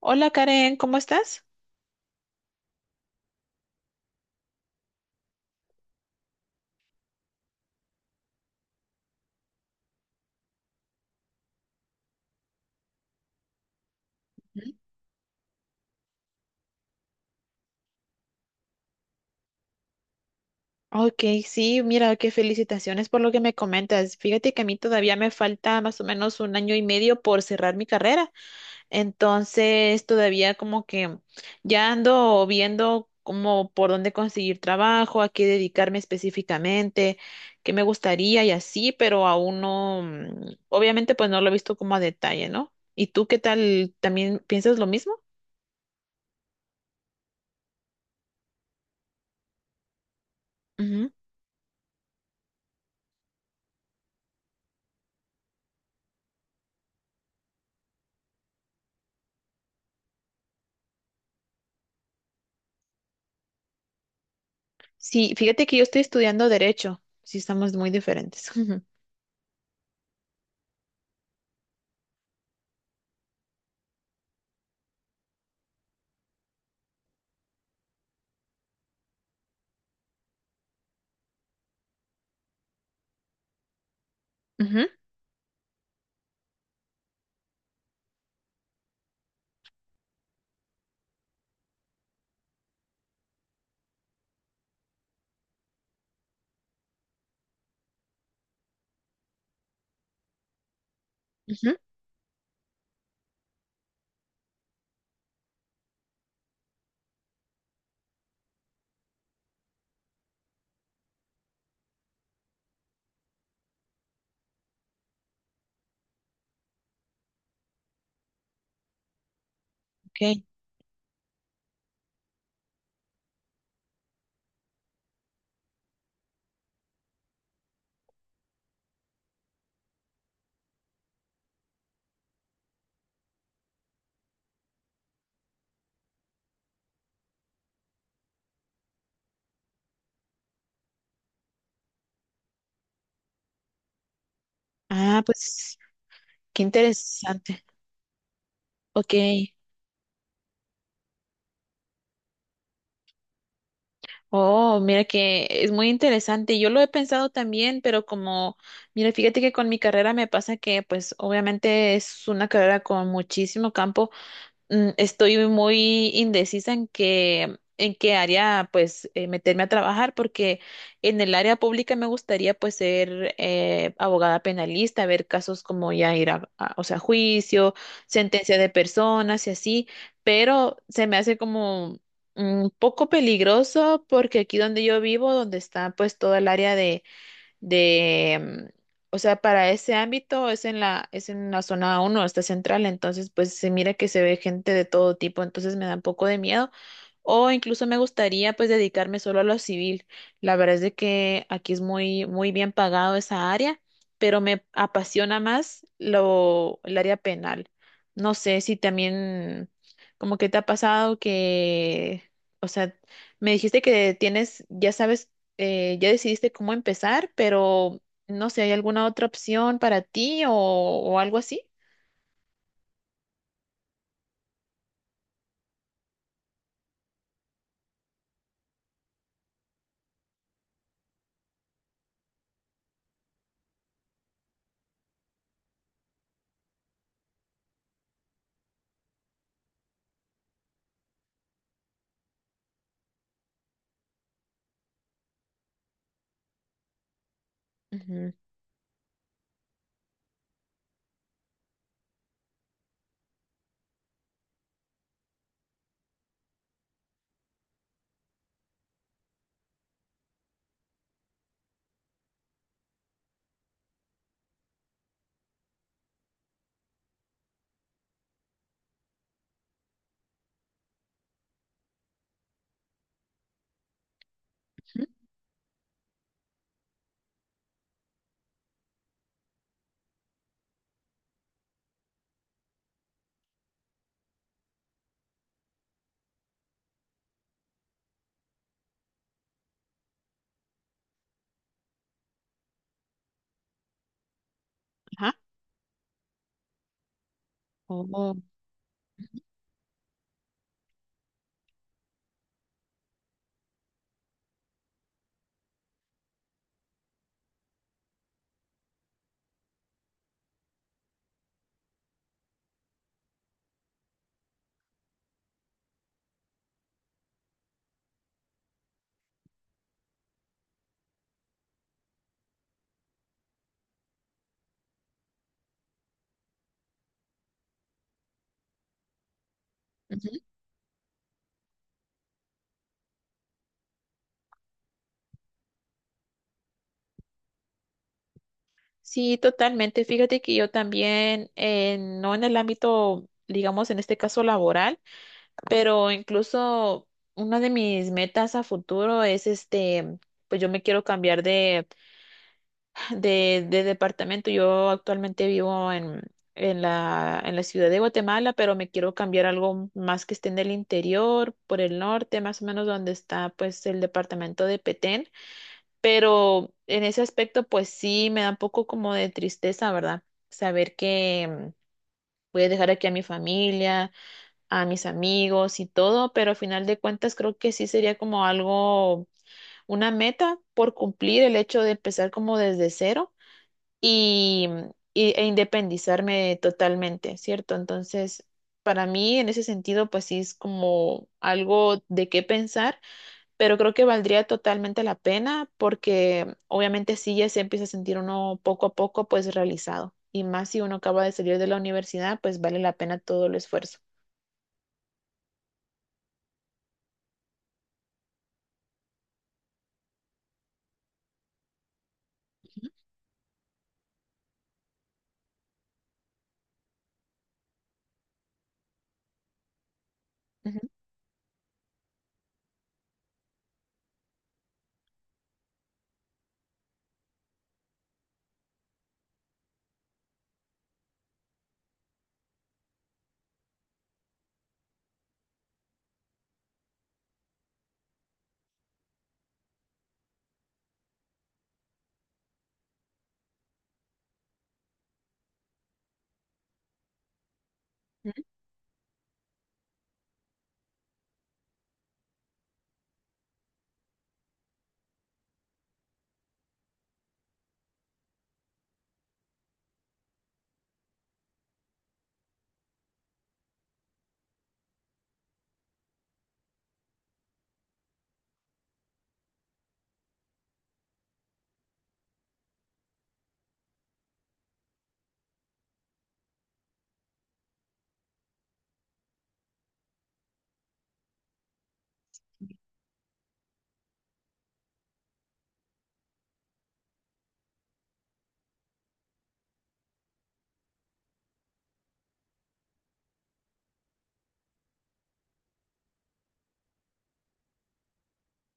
Hola Karen, ¿cómo estás? Ujú. Ok, sí, mira, qué felicitaciones por lo que me comentas. Fíjate que a mí todavía me falta más o menos un año y medio por cerrar mi carrera. Entonces, todavía como que ya ando viendo como por dónde conseguir trabajo, a qué dedicarme específicamente, qué me gustaría y así, pero aún no, obviamente pues no lo he visto como a detalle, ¿no? ¿Y tú qué tal? ¿También piensas lo mismo? Sí, fíjate que yo estoy estudiando derecho. Sí, estamos muy diferentes. Ujú, Ujú, ujú. Ok. Ah, pues qué interesante. Ok. Oh, mira que es muy interesante. Yo lo he pensado también, pero como, mira, fíjate que con mi carrera me pasa que, pues, obviamente es una carrera con muchísimo campo. Estoy muy indecisa en qué área pues meterme a trabajar porque en el área pública me gustaría pues ser abogada penalista, ver casos como ya ir o sea, juicio, sentencia de personas y así, pero se me hace como un poco peligroso porque aquí donde yo vivo, donde está pues toda el área de, o sea, para ese ámbito es en la zona uno está central, entonces pues se mira que se ve gente de todo tipo, entonces me da un poco de miedo. O incluso me gustaría pues dedicarme solo a lo civil. La verdad es de que aquí es muy, muy bien pagado esa área, pero me apasiona más el área penal. No sé si también como que te ha pasado que, o sea, me dijiste que tienes, ya sabes, ya decidiste cómo empezar, pero no sé, ¿hay alguna otra opción para ti o algo así? Ujú, ujú, ajá. Oh, ujú. Sí, totalmente. Fíjate que yo también, no en el ámbito, digamos, en este caso laboral, pero incluso una de mis metas a futuro es este, pues yo me quiero cambiar de departamento. Yo actualmente vivo en la ciudad de Guatemala, pero me quiero cambiar a algo más que esté en el interior, por el norte, más o menos donde está pues el departamento de Petén. Pero en ese aspecto pues sí me da un poco como de tristeza, ¿verdad? Saber que voy a dejar aquí a mi familia, a mis amigos y todo, pero al final de cuentas creo que sí sería como algo, una meta por cumplir el hecho de empezar como desde cero y, e independizarme totalmente, ¿cierto? Entonces, para mí en ese sentido, pues sí es como algo de qué pensar, pero creo que valdría totalmente la pena porque obviamente sí ya se empieza a sentir uno poco a poco pues realizado. Y más si uno acaba de salir de la universidad, pues vale la pena todo el esfuerzo. Ujú.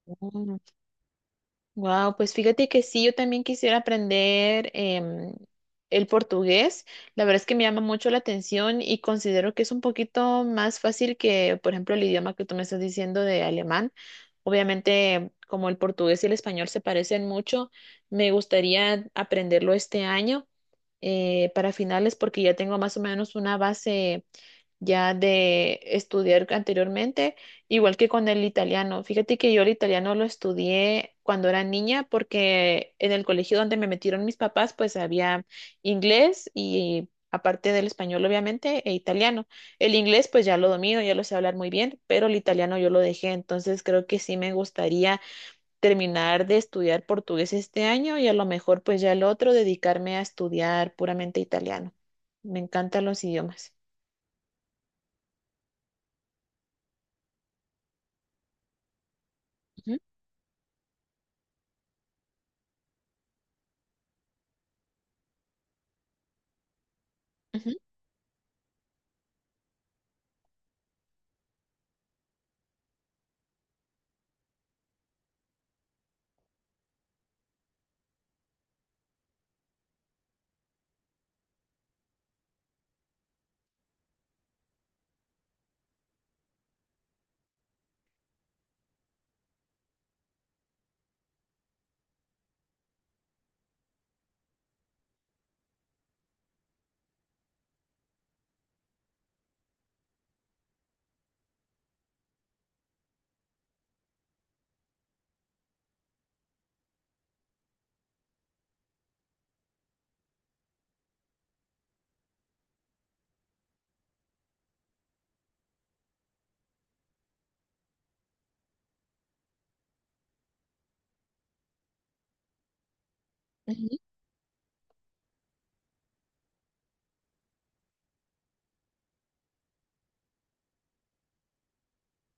Ujú. Wow, pues fíjate que sí, yo también quisiera aprender, el portugués. La verdad es que me llama mucho la atención y considero que es un poquito más fácil que, por ejemplo, el idioma que tú me estás diciendo de alemán. Obviamente, como el portugués y el español se parecen mucho, me gustaría aprenderlo este año, para finales porque ya tengo más o menos una base ya de estudiar anteriormente, igual que con el italiano. Fíjate que yo el italiano lo estudié cuando era niña porque en el colegio donde me metieron mis papás, pues había inglés y aparte del español, obviamente, e italiano. El inglés, pues ya lo domino, ya lo sé hablar muy bien, pero el italiano yo lo dejé, entonces creo que sí me gustaría terminar de estudiar portugués este año y a lo mejor pues ya el otro dedicarme a estudiar puramente italiano. Me encantan los idiomas. Ujú, ujú. Ujú.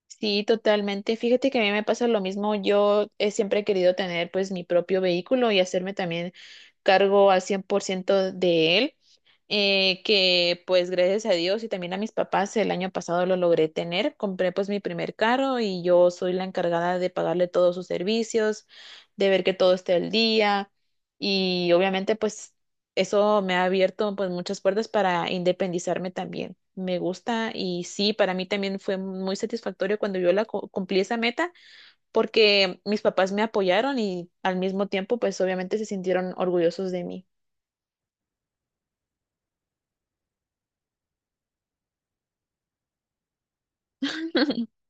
Sí, totalmente. Fíjate que a mí me pasa lo mismo. Yo he siempre he querido tener pues mi propio vehículo y hacerme también cargo al 100% de él, que pues gracias a Dios y también a mis papás el año pasado lo logré tener. Compré pues mi primer carro y yo soy la encargada de pagarle todos sus servicios, de ver que todo esté al día y obviamente pues eso me ha abierto pues muchas puertas para independizarme también. Me gusta y sí, para mí también fue muy satisfactorio cuando yo la cumplí esa meta porque mis papás me apoyaron y al mismo tiempo pues obviamente se sintieron orgullosos de mí.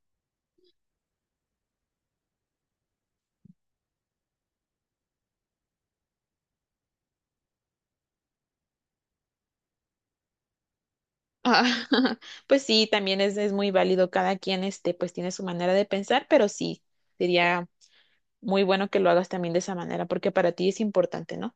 Ah, pues sí, también es muy válido. Cada quien este pues tiene su manera de pensar, pero sí, sería muy bueno que lo hagas también de esa manera porque para ti es importante, ¿no?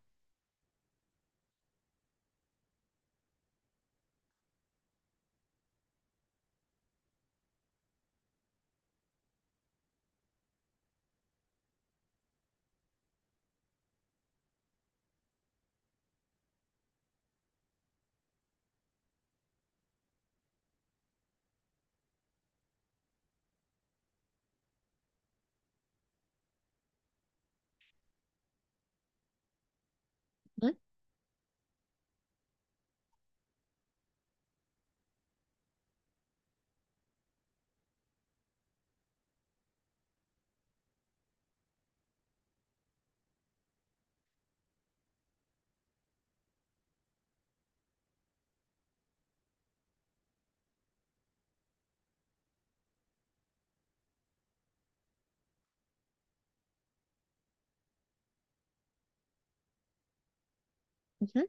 ¿Mm?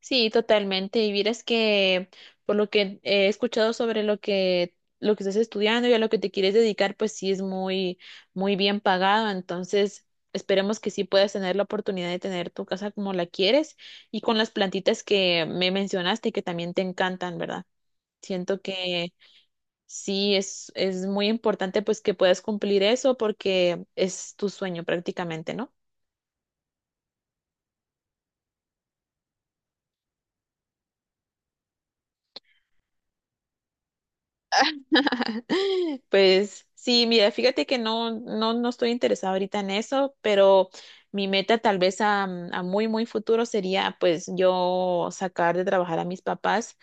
Sí, totalmente. Y vieras que por lo que he escuchado sobre lo que estás estudiando y a lo que te quieres dedicar, pues sí es muy muy bien pagado. Entonces, esperemos que sí puedas tener la oportunidad de tener tu casa como la quieres y con las plantitas que me mencionaste que también te encantan, ¿verdad? Siento que sí es muy importante pues que puedas cumplir eso porque es tu sueño prácticamente, ¿no? Pues sí, mira, fíjate que no, no, no estoy interesada ahorita en eso, pero mi meta tal vez a muy, muy futuro sería pues yo sacar de trabajar a mis papás,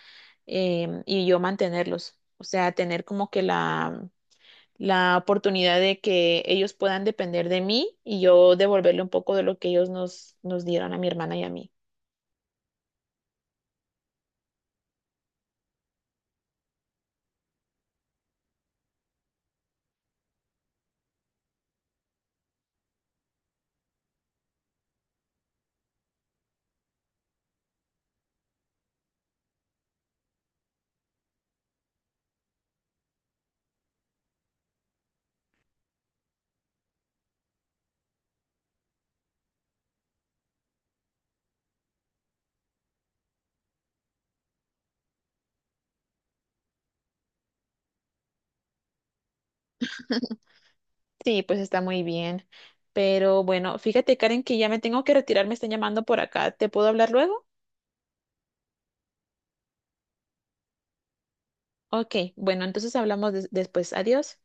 y yo mantenerlos, o sea, tener como que la oportunidad de que ellos puedan depender de mí y yo devolverle un poco de lo que ellos nos dieron a mi hermana y a mí. Sí, pues está muy bien, pero bueno, fíjate, Karen, que ya me tengo que retirar, me están llamando por acá, ¿te puedo hablar luego? Ok, bueno, entonces hablamos después. Adiós.